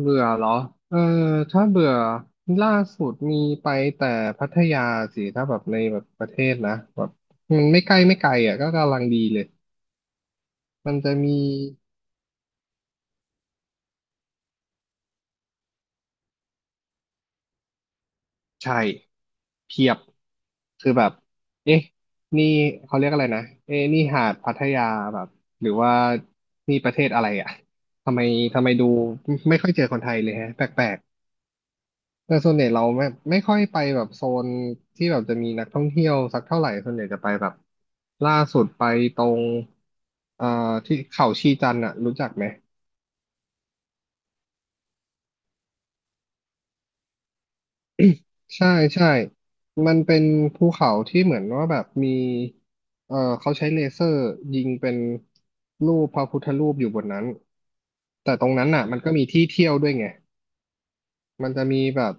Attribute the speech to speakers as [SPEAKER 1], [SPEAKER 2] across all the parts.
[SPEAKER 1] เบื่อเหรอเออถ้าเบื่อล่าสุดมีไปแต่พัทยาสิ ถ้าแบบในแบบประเทศนะแบบมันไม่ใกล้ไม่ไกลอ่ะก็กำลังดีเลย มันจะมีใช่เพียบคือแบบเอ๊ะนี่เขาเรียกอะไรนะเอ๊ะนี่หาดพัทยาแบบหรือว่านี่ประเทศอะไรอ่ะทำไมทำไมดูไม่ค่อยเจอคนไทยเลยฮะแปลก แต่ส่วนใหญ่เราไม่ค่อยไปแบบโซนที่แบบจะมีนักท่องเที่ยวสักเท่าไหร่ส่วนใหญ่จะไปแบบล่าสุดไปตรงเอ่อที่เขาชีจันทร์อะรู้จักไหมใช่ใช่มันเป็นภูเขาที่เหมือนว่าแบบมีเขาใช้เลเซอร์ยิงเป็นรูปพระพุทธรูปอยู่บนนั้นแต่ตรงนั้นอ่ะมันก็มีที่เที่ยวด้วยไงมันจะมีแบบ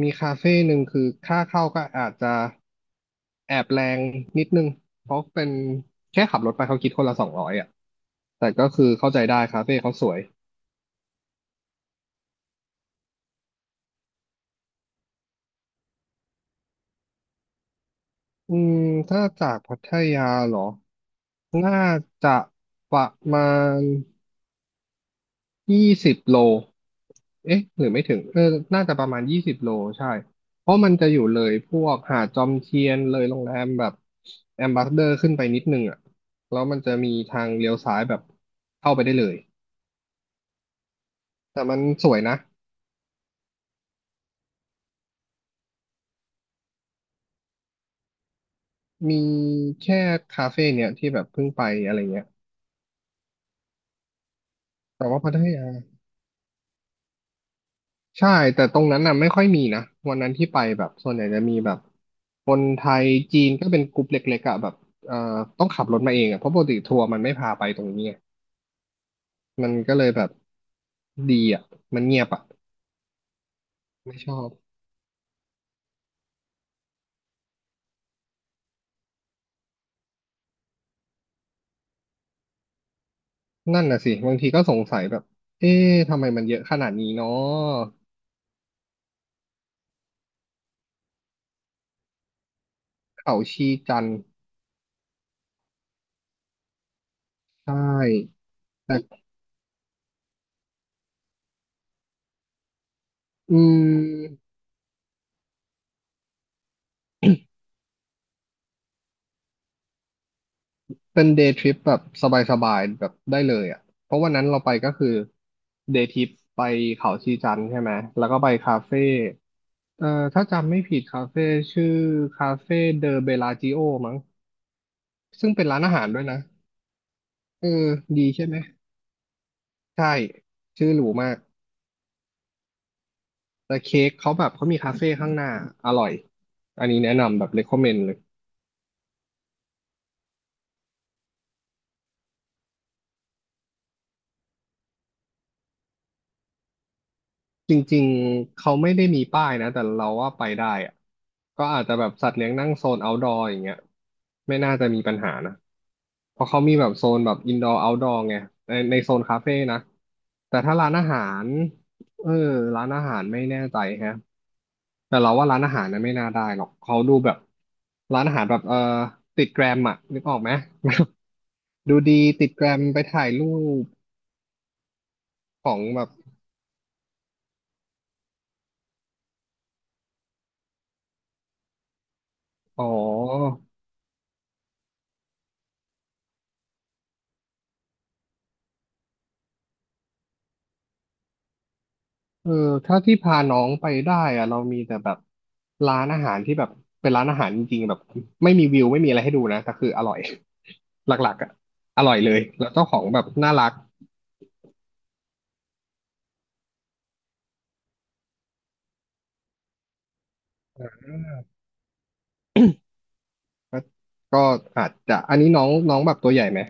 [SPEAKER 1] มีคาเฟ่หนึ่งคือค่าเข้าก็อาจจะแอบแรงนิดนึงเพราะเป็นแค่ขับรถไปเขาคิดคนละ200อ่ะแต่ก็คือเข้าใจได้คาเฟ่เขาสวยอืมถ้าจากพัทยาเหรอน่าจะประมาณ ยี่สิบโล เอ๊ะ หรือไม่ถึง เออน่าจะประมาณ20 โล ใช่ เพราะมันจะอยู่เลยพวกหาดจอมเทียนเลยโรงแรมแบบแอมบาสเดอร์ขึ้นไปนิดนึงอ่ะ แล้วมันจะมีทางเลี้ยวซ้ายแบบเข้าไปได้เลย แต่มันสวยนะ มีแค่คาเฟ่เนี่ยที่แบบเพิ่งไปอะไรเงี้ย แต่ว่าพัทยา ใช่แต่ตรงนั้นน่ะไม่ค่อยมีนะวันนั้นที่ไปแบบส่วนใหญ่จะมีแบบคนไทยจีนก็เป็นกลุ่มเล็กๆอะแบบเอ่อต้องขับรถมาเองอะเพราะปกติทัวร์มันไม่พาไปตรงนี้ไงมันก็เลยแบบดีอะมันเงียบอะไม่ชอบนั่นน่ะสิบางทีก็สงสัยแบบเอ๊ะทำไมมันเยอะขนาดนี้เนาะเขาชีจันทร์ใช่แต่อืม เป็นเดย์ทริปแบบสบายๆแบบได้เลยอ่ะ เพราะวันนั้นเราไปก็คือเดย์ทริปไปเขาชีจันทร์ใช่ไหม แล้วก็ไปคาเฟ่เอ่อถ้าจำไม่ผิดคาเฟ่ชื่อคาเฟ่เดอเบลาจิโอมั้งซึ่งเป็นร้านอาหารด้วยนะ เออดีใช่ไหม ใช่ ชื่อหรูมากแต่เค้กเขาแบบเขามีคาเฟ่ข้างหน้าอร่อย อันนี้แนะนำแบบ recommend เลย จริงๆ เขาไม่ได้มีป้ายนะแต่เราว่าไปได้อะก็อาจจะแบบสัตว์เลี้ยงนั่งโซน outdoor อย่างเงี้ยไม่น่าจะมีปัญหานะเพราะเขามีแบบโซนแบบ indoor outdoor ไงในโซนคาเฟ่นะแต่ถ้าร้านอาหารเออร้านอาหารไม่แน่ใจฮะแต่เราว่าร้านอาหารนะไม่น่าได้หรอกเขาดูแบบร้านอาหารแบบติดแกรมอะนึกออกไหม ดูดีติดแกรมไปถ่ายรูปของแบบอ๋อ เออถ้าที่พาน้องไปได้อะเรามีแต่แบบร้านอาหารที่แบบเป็นร้านอาหารจริงๆแบบไม่มีวิวไม่มีอะไรให้ดูนะแต่คืออร่อย หลักๆอะอร่อยเลยแล้วเจ้าของแบบน่ารักก็ก็อาจจะอันนี้น้องน้องแบบตัวใหญ่ไหม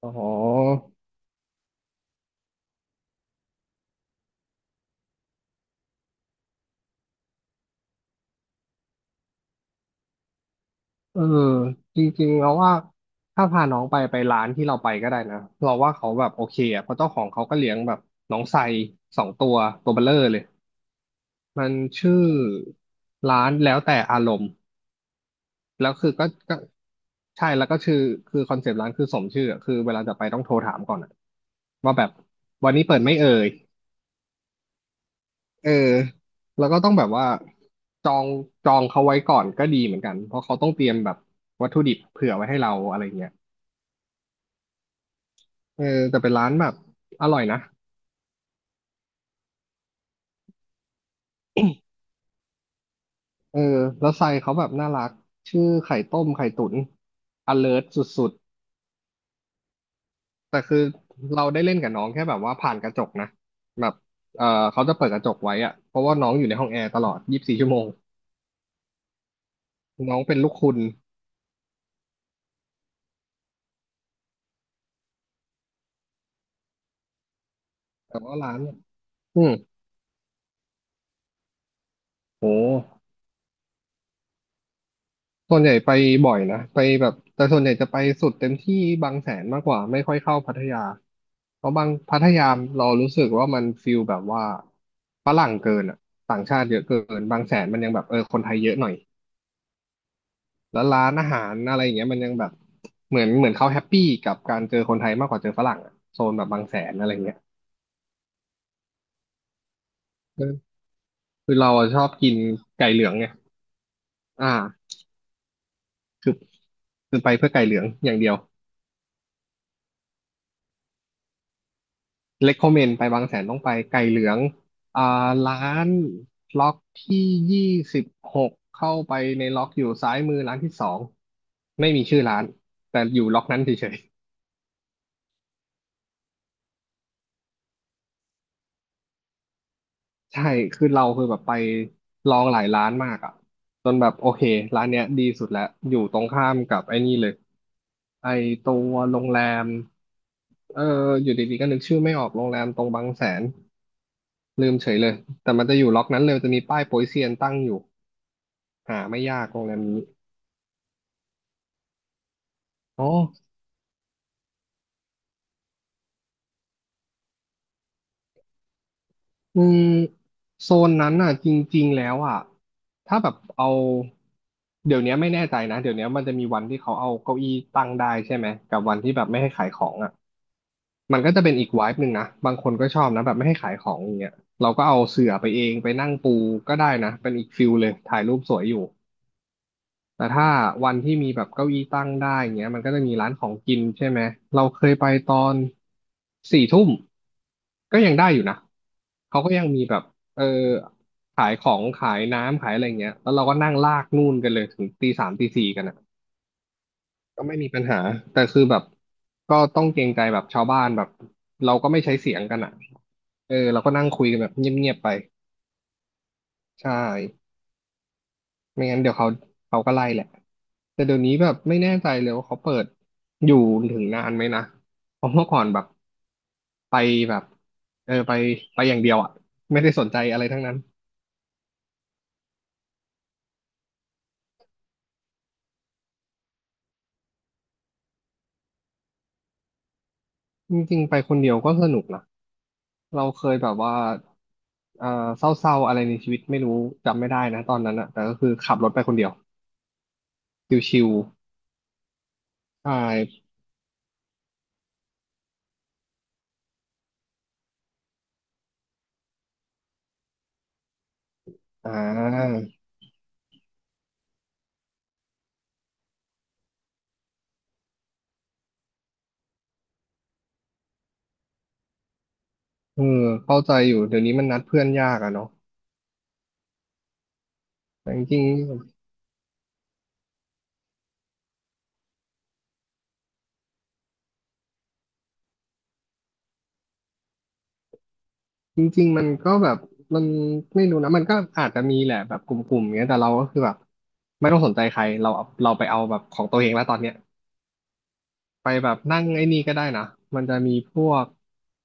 [SPEAKER 1] อ๋อเออจริงๆเราว่าถ้าพาน้องไปไปร้านที่เราไปก็ได้นะเราว่าเขาแบบโอเคอะเพราะเจ้าของเขาก็เลี้ยงแบบน้องไซสองตัวตัวเบลเลอร์เลยมันชื่อร้านแล้วแต่อารมณ์ แล้วคือก็ใช่แล้วก็ชื่อคือคอนเซปต์ร้านคือสมชื่ออะคือเวลาจะไปต้องโทรถามก่อนอะว่าแบบวันนี้เปิดไหม่เอ่ยเออแล้วก็ต้องแบบว่าจองจองเขาไว้ก่อนก็ดีเหมือนกันเพราะเขาต้องเตรียมแบบวัตถุดิบเผื่อไว้ให้เราอะไรเงี้ยเออแต่เป็นร้านแบบอร่อยนะเออแล้วไซเขาแบบน่ารักชื่อไข่ต้มไข่ตุ๋นอเลิร์สุดๆ แต่คือเราได้เล่นกับน้องแค่แบบว่าผ่านกระจกนะแบบเออเขาจะเปิดกระจกไว้อะเพราะว่าน้องอยู่ในห้องแอร์ตลอด24 ชั่วโมงน้องเป็นลูกคุณแต่ว่าร้านเนี่ยอืมโหส่วนใหญ่ไปบ่อยนะไปแบบแต่ส่วนใหญ่จะไปสุดเต็มที่บางแสนมากกว่าไม่ค่อยเข้าพัทยาเพราะบางพัทยาเรารู้สึกว่ามันฟิลแบบว่าฝรั่งเกินอะต่างชาติเยอะเกินบางแสนมันยังแบบเออคนไทยเยอะหน่อย แล้วร้านอาหารอะไรอย่างเงี้ยมันยังแบบเหมือนเขาแฮปปี้กับการเจอคนไทยมากกว่าเจอฝรั่งอะโซนแบบบางแสนอะไรเงี้ยเอคือเราอะชอบกินไก่เหลืองไงอ่าคือคือไปเพื่อไก่เหลืองอย่างเดียว recommend ไปบางแสนต้องไปไก่เหลืองอ่าร้านล็อกที่26เข้าไปในล็อกอยู่ซ้ายมือร้านที่สองไม่มีชื่อร้านแต่อยู่ล็อกนั้นเฉย ใช่คือเราคือแบบไปลองหลายร้านมากอ่ะจนแบบโอเคร้านเนี้ยดีสุดแล้วอยู่ตรงข้ามกับไอ้นี่เลยไอ้ตัวโรงแรมเอออยู่ดีๆก็นึกชื่อไม่ออกโรงแรมตรงบางแสนลืมเฉยเลยแต่มันจะอยู่ล็อกนั้นเลยจะมีป้ายโป๊ยเซียนตั้งอยู่หาไม่ยากโรงแรมนี้อ๋ออืมโซนนั้นน่ะจริงๆแล้วอ่ะถ้าแบบเอาเดี๋ยวนี้ไม่แน่ใจนะเดี๋ยวนี้มันจะมีวันที่เขาเอาเก้าอี้ตั้งได้ใช่ไหมกับวันที่แบบไม่ให้ขายของอ่ะ มันก็จะเป็นอีกไวบ์หนึ่งนะบางคนก็ชอบนะแบบไม่ให้ขายของอย่างเงี้ยเราก็เอาเสื่อไปเองไปนั่งปูก็ได้นะเป็นอีกฟิลเลยถ่ายรูปสวยอยู่แต่ถ้าวันที่มีแบบเก้าอี้ตั้งได้อย่างเงี้ยมันก็จะมีร้านของกินใช่ไหมเราเคยไปตอนสี่ทุ่มก็ยังได้อยู่นะเขาก็ยังมีแบบเออขายของขายน้ำขายอะไรเงี้ยแล้วเราก็นั่งลากนู่นกันเลยถึงตีสามตีสี่กันนะ ก็ไม่มีปัญหาแต่คือแบบก็ต้องเกรงใจแบบชาวบ้านแบบเราก็ไม่ใช้เสียงกันอ่ะเออเราก็นั่งคุยกันแบบเงียบๆไปใช่ไม่งั้นเดี๋ยวเขาก็ไล่แหละแต่เดี๋ยวนี้แบบไม่แน่ใจเลยว่าเขาเปิดอยู่ถึงนานไหมนะเพราะเมื่อก่อนแบบไปแบบเออไปอย่างเดียวอ่ะไม่ได้สนใจอะไรทั้งนั้นจริงๆไปคนเดียวก็สนุกนะเราเคยแบบว่าเอ่อเศร้าๆอะไรในชีวิตไม่รู้จำไม่ได้นะตอนนั้นอะแต่ก็คือขับรถไปคนเดียวชิว ใช่อ่าเออเข้าใจอยู่เดี๋ยวนี้มันนัดเพื่อนยากอะเนาะแต่จริงๆจริงๆมันก็แบบมันไม่รู้นะ มันก็อาจจะมีแหละแบบกลุ่มๆเงี้ยแต่เราก็คือแบบไม่ต้องสนใจใครเราเราไปเอาแบบของตัวเองแล้วตอนเนี้ย ไปแบบนั่งไอ้นี่ก็ได้นะ มันจะมีพวก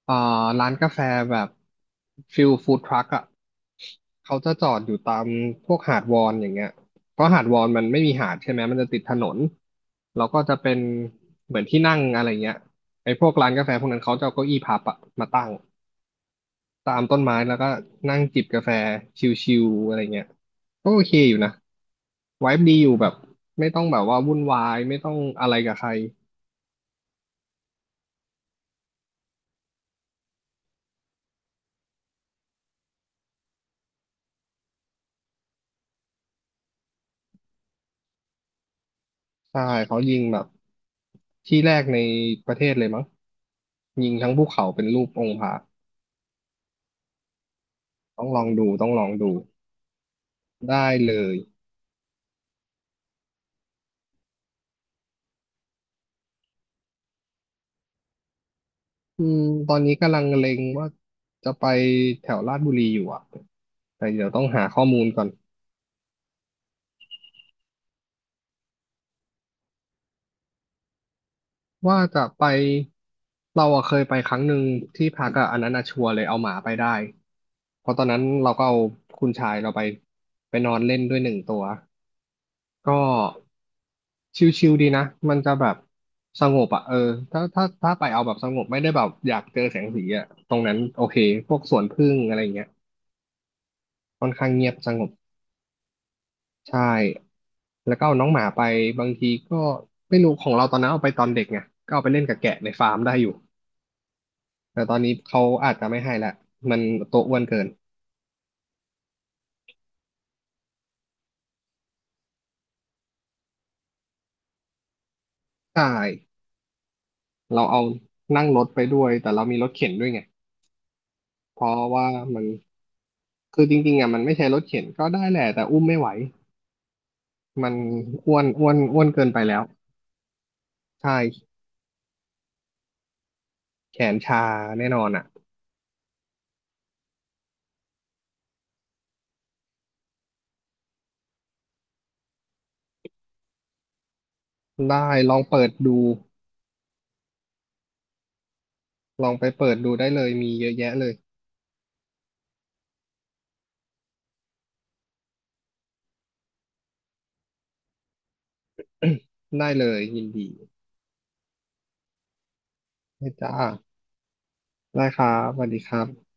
[SPEAKER 1] เอ่อร้านกาแฟแบบฟิลฟู้ดทรัคอะเขาจะจอดอยู่ตามพวกหาดวอนอย่างเงี้ยเพราะหาดวอนมันไม่มีหาดใช่ไหมมันจะติดถนนแล้วก็จะเป็นเหมือนที่นั่งอะไรเงี้ยไอ้พวกร้านกาแฟพวกนั้นเขาจะเอาเก้าอี้พับอะมาตั้งตามต้นไม้แล้วก็นั่งจิบกาแฟชิลๆอะไรเงี้ยก็โอเคอยู่นะไวบ์ดีอยู่แบบไม่ต้องแบบว่าวุ่นวายไม่ต้องอะไรกับใคร ใช่เขายิงแบบที่แรกในประเทศเลยมั้งยิงทั้งภูเขาเป็นรูปองค์พระต้องลองดูต้องลองดูได้เลยอืมตอนนี้กำลังเล็งว่าจะไปแถวลาดบุรีอยู่อ่ะแต่เดี๋ยวต้องหาข้อมูลก่อนว่าจะไปเราอะเคยไปครั้งหนึ่งที่พักอะอันนั้นอะชัวร์เลยเอาหมาไปได้เพราะตอนนั้นเราก็เอาคุณชายเราไปไปนอนเล่นด้วยหนึ่งตัว ก็ชิลๆดีนะ มันจะแบบสงบอ่ะเออถ้าไปเอาแบบสงบไม่ได้แบบอยากเจอแสงสีอ่ะตรงนั้นโอเคพวกสวนผึ้งอะไรเงี้ยค่อนข้างเงียบสงบใช่แล้วก็เอาน้องหมาไปบางทีก็ไม่รู้ของเราตอนนั้นเอาไปตอนเด็กไงก็เอาไปเล่นกับแกะในฟาร์มได้อยู่แต่ตอนนี้เขาอาจจะไม่ให้ละมันตัวอ้วนเกินใช่เราเอานั่งรถไปด้วยแต่เรามีรถเข็นด้วยไงเพราะว่ามันคือจริงๆอ่ะมันไม่ใช่รถเข็นก็ได้แหละแต่อุ้มไม่ไหว มันอ้วนอ้วนอ้วนเกินไปแล้วใช่แขนชาแน่นอนอ่ะได้ลองเปิดดูลองไปเปิดดูได้เลยมีเยอะแยะเลยได้เลยยินดีได้จ้าได้ครับสวัสดีครับ